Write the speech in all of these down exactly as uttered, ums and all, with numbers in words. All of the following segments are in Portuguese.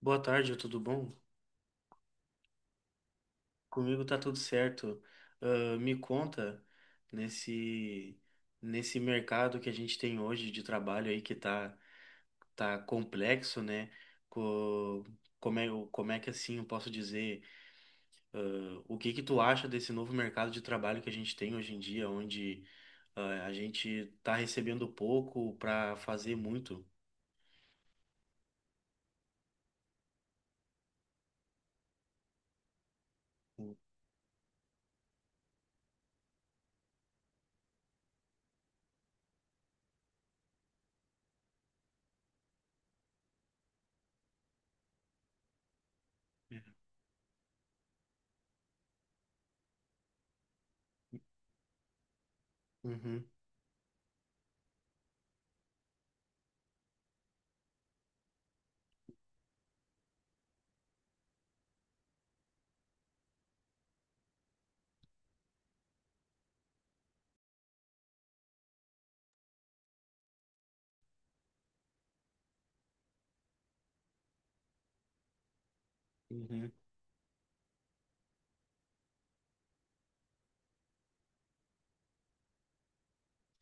Boa tarde, tudo bom? Comigo tá tudo certo. Ah, me conta nesse nesse mercado que a gente tem hoje de trabalho aí que tá tá complexo, né? Co- Como é, como é que assim eu posso dizer? O que que tu acha desse novo mercado de trabalho que a gente tem hoje em dia, onde ah, a gente tá recebendo pouco para fazer muito? Uhum. Uhum.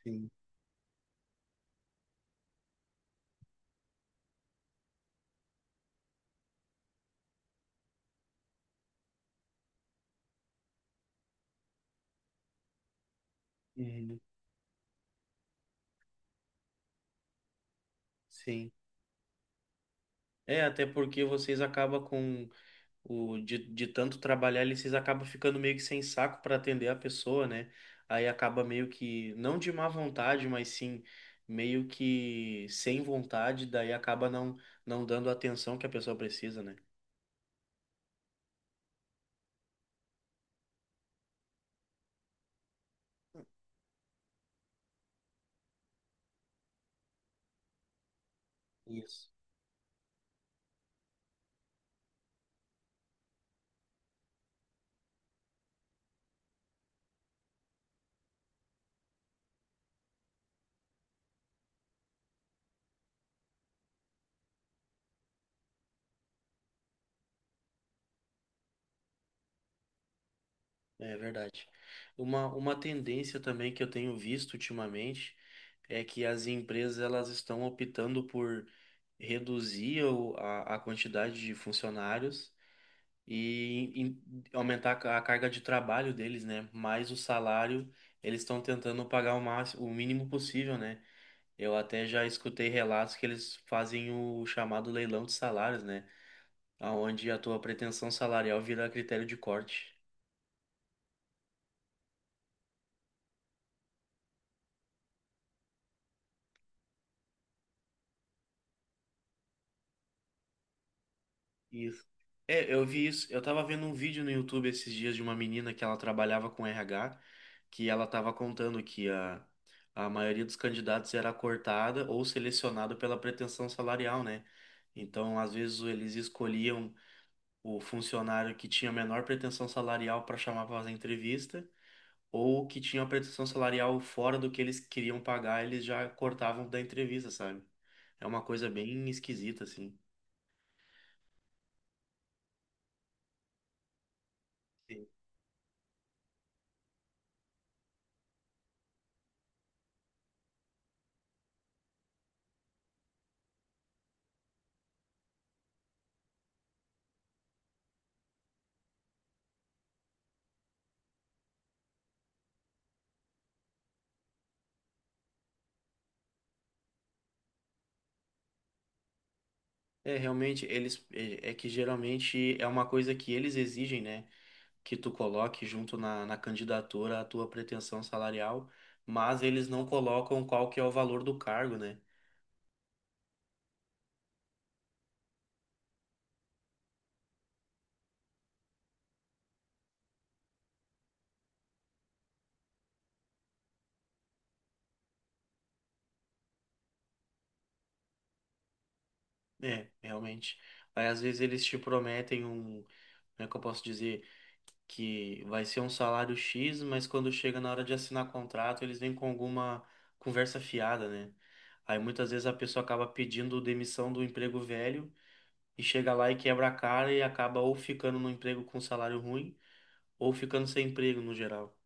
Sim. Uhum. Sim. É, até porque vocês acabam com O, de, de tanto trabalhar, eles acabam ficando meio que sem saco para atender a pessoa, né? Aí acaba meio que, não de má vontade, mas sim meio que sem vontade, daí acaba não, não dando a atenção que a pessoa precisa, né? Isso. É verdade. Uma, uma tendência também que eu tenho visto ultimamente é que as empresas elas estão optando por reduzir o- a, a quantidade de funcionários e em- aumentar a carga de trabalho deles, né? Mais o salário, eles estão tentando pagar o máximo, o mínimo possível, né? Eu até já escutei relatos que eles fazem o chamado leilão de salários, né? Onde a tua pretensão salarial vira critério de corte. Isso. É, eu vi isso. Eu tava vendo um vídeo no YouTube esses dias de uma menina que ela trabalhava com R H, que ela tava contando que a, a maioria dos candidatos era cortada ou selecionada pela pretensão salarial, né? Então, às vezes, eles escolhiam o funcionário que tinha menor pretensão salarial para chamar para fazer entrevista, ou que tinha uma pretensão salarial fora do que eles queriam pagar, eles já cortavam da entrevista, sabe? É uma coisa bem esquisita, assim. É, realmente, eles é é que geralmente é uma coisa que eles exigem, né? Que tu coloque junto na, na candidatura a tua pretensão salarial, mas eles não colocam qual que é o valor do cargo, né? É, realmente. Aí às vezes eles te prometem um, como é que eu posso dizer, que vai ser um salário X, mas quando chega na hora de assinar contrato, eles vêm com alguma conversa fiada, né? Aí muitas vezes a pessoa acaba pedindo demissão do emprego velho e chega lá e quebra a cara e acaba ou ficando no emprego com salário ruim ou ficando sem emprego no geral.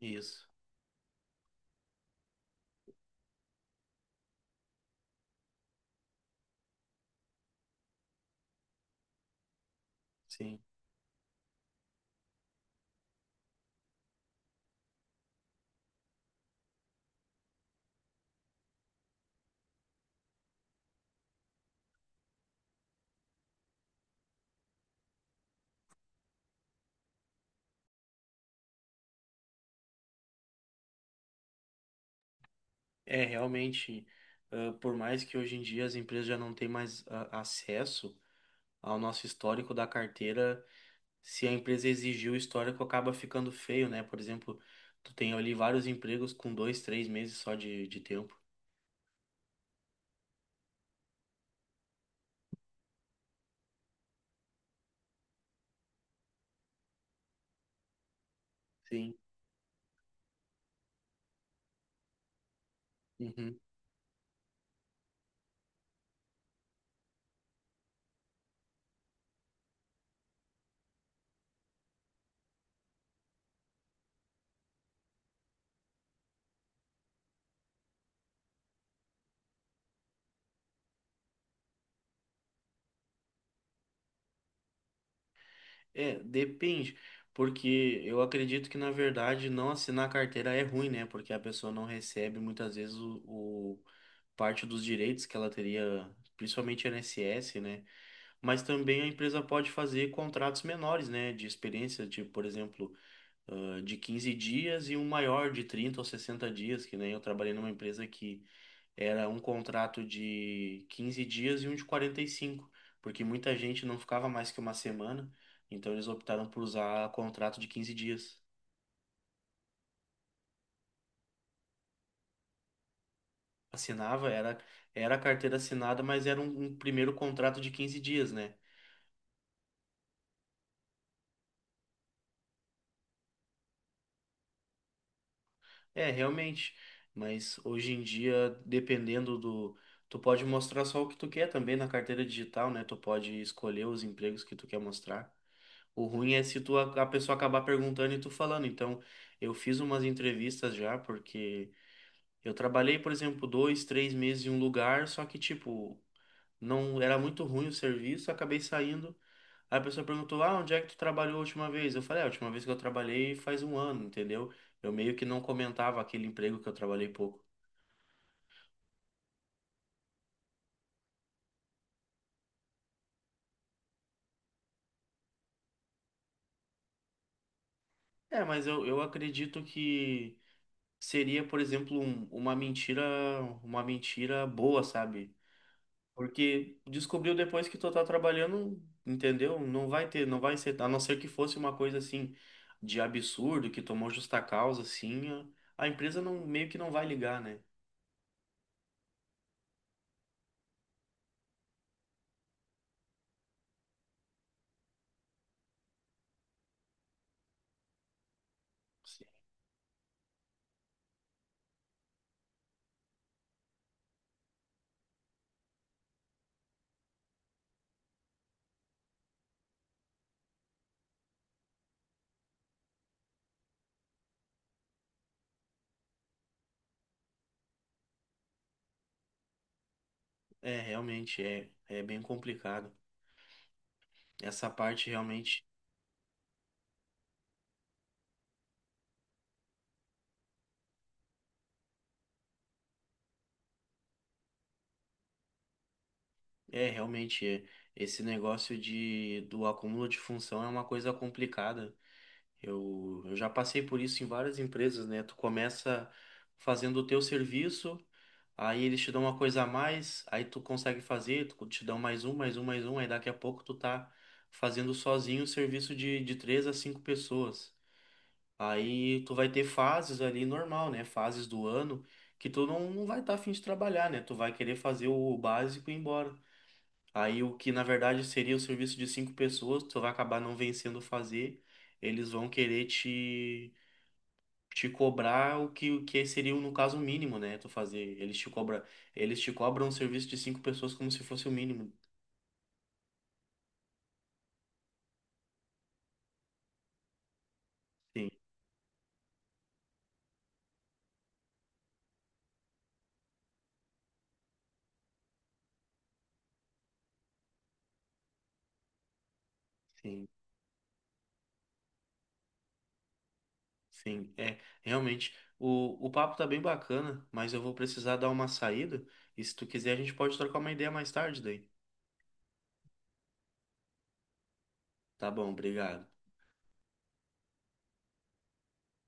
Isso. Sim. É realmente, ah, por mais que hoje em dia as empresas já não têm mais ah, acesso ao nosso histórico da carteira, se a empresa exigir o histórico, acaba ficando feio, né? Por exemplo, tu tem ali vários empregos com dois, três meses só de, de tempo. Sim. Uhum. É, depende, porque eu acredito que na verdade não assinar carteira é ruim, né? Porque a pessoa não recebe muitas vezes o, o- parte dos direitos que ela teria, principalmente INSS, né? Mas também a empresa pode fazer contratos menores, né? De experiência, tipo, por exemplo, ah, de quinze dias e um maior de trinta ou sessenta dias, que nem eu trabalhei numa empresa que era um contrato de quinze dias e um de quarenta e cinco, porque muita gente não ficava mais que uma semana, então eles optaram por usar contrato de quinze dias. Assinava, era, era a carteira assinada, mas era um, um primeiro contrato de quinze dias, né? É, realmente. Mas hoje em dia, dependendo do. Tu pode mostrar só o que tu quer também na carteira digital, né? Tu pode escolher os empregos que tu quer mostrar. O ruim é se tu, a a pessoa acabar perguntando e tu falando. Então, eu fiz umas entrevistas já, porque eu trabalhei, por exemplo, dois, três meses em um lugar, só que, tipo, não era muito ruim o serviço, acabei saindo. Aí a pessoa perguntou, ah, onde é que tu trabalhou a última vez? Eu falei, "Ah, a última vez que eu trabalhei faz um ano, entendeu? Eu meio que não comentava aquele emprego que eu trabalhei pouco. É, mas eu, eu acredito que seria, por exemplo, um- uma mentira, uma mentira boa, sabe? Porque descobriu depois que tu tá trabalhando, entendeu? Não vai ter, não vai ser, a não ser que fosse uma coisa assim de absurdo, que tomou justa causa, assim, a, a empresa não, meio que não vai ligar, né? Sim. É, realmente é, é bem complicado. Essa parte realmente é, realmente é. Esse negócio de, do acúmulo de função é uma coisa complicada. Eu, eu já passei por isso em várias empresas, né? Tu começa fazendo o teu serviço. Aí eles te dão uma coisa a mais, aí tu consegue fazer, tu te dão mais um, mais um, mais um, aí daqui a pouco tu tá fazendo sozinho o serviço de, de três a cinco pessoas. Aí tu vai ter fases ali normal, né? Fases do ano que tu não, não vai estar tá afim de trabalhar, né? Tu vai querer fazer o básico e ir embora. Aí o que na verdade seria o serviço de cinco pessoas, tu vai acabar não vencendo fazer, eles vão querer te te cobrar o que, o que seria, no caso, o mínimo, né? Tu fazer. Eles te cobra, eles te cobram um serviço de cinco pessoas como se fosse o mínimo. Sim, sim, sim. É, realmente. O, o papo tá bem bacana, mas eu vou precisar dar uma saída. E se tu quiser, a gente pode trocar uma ideia mais tarde daí. Tá bom, obrigado.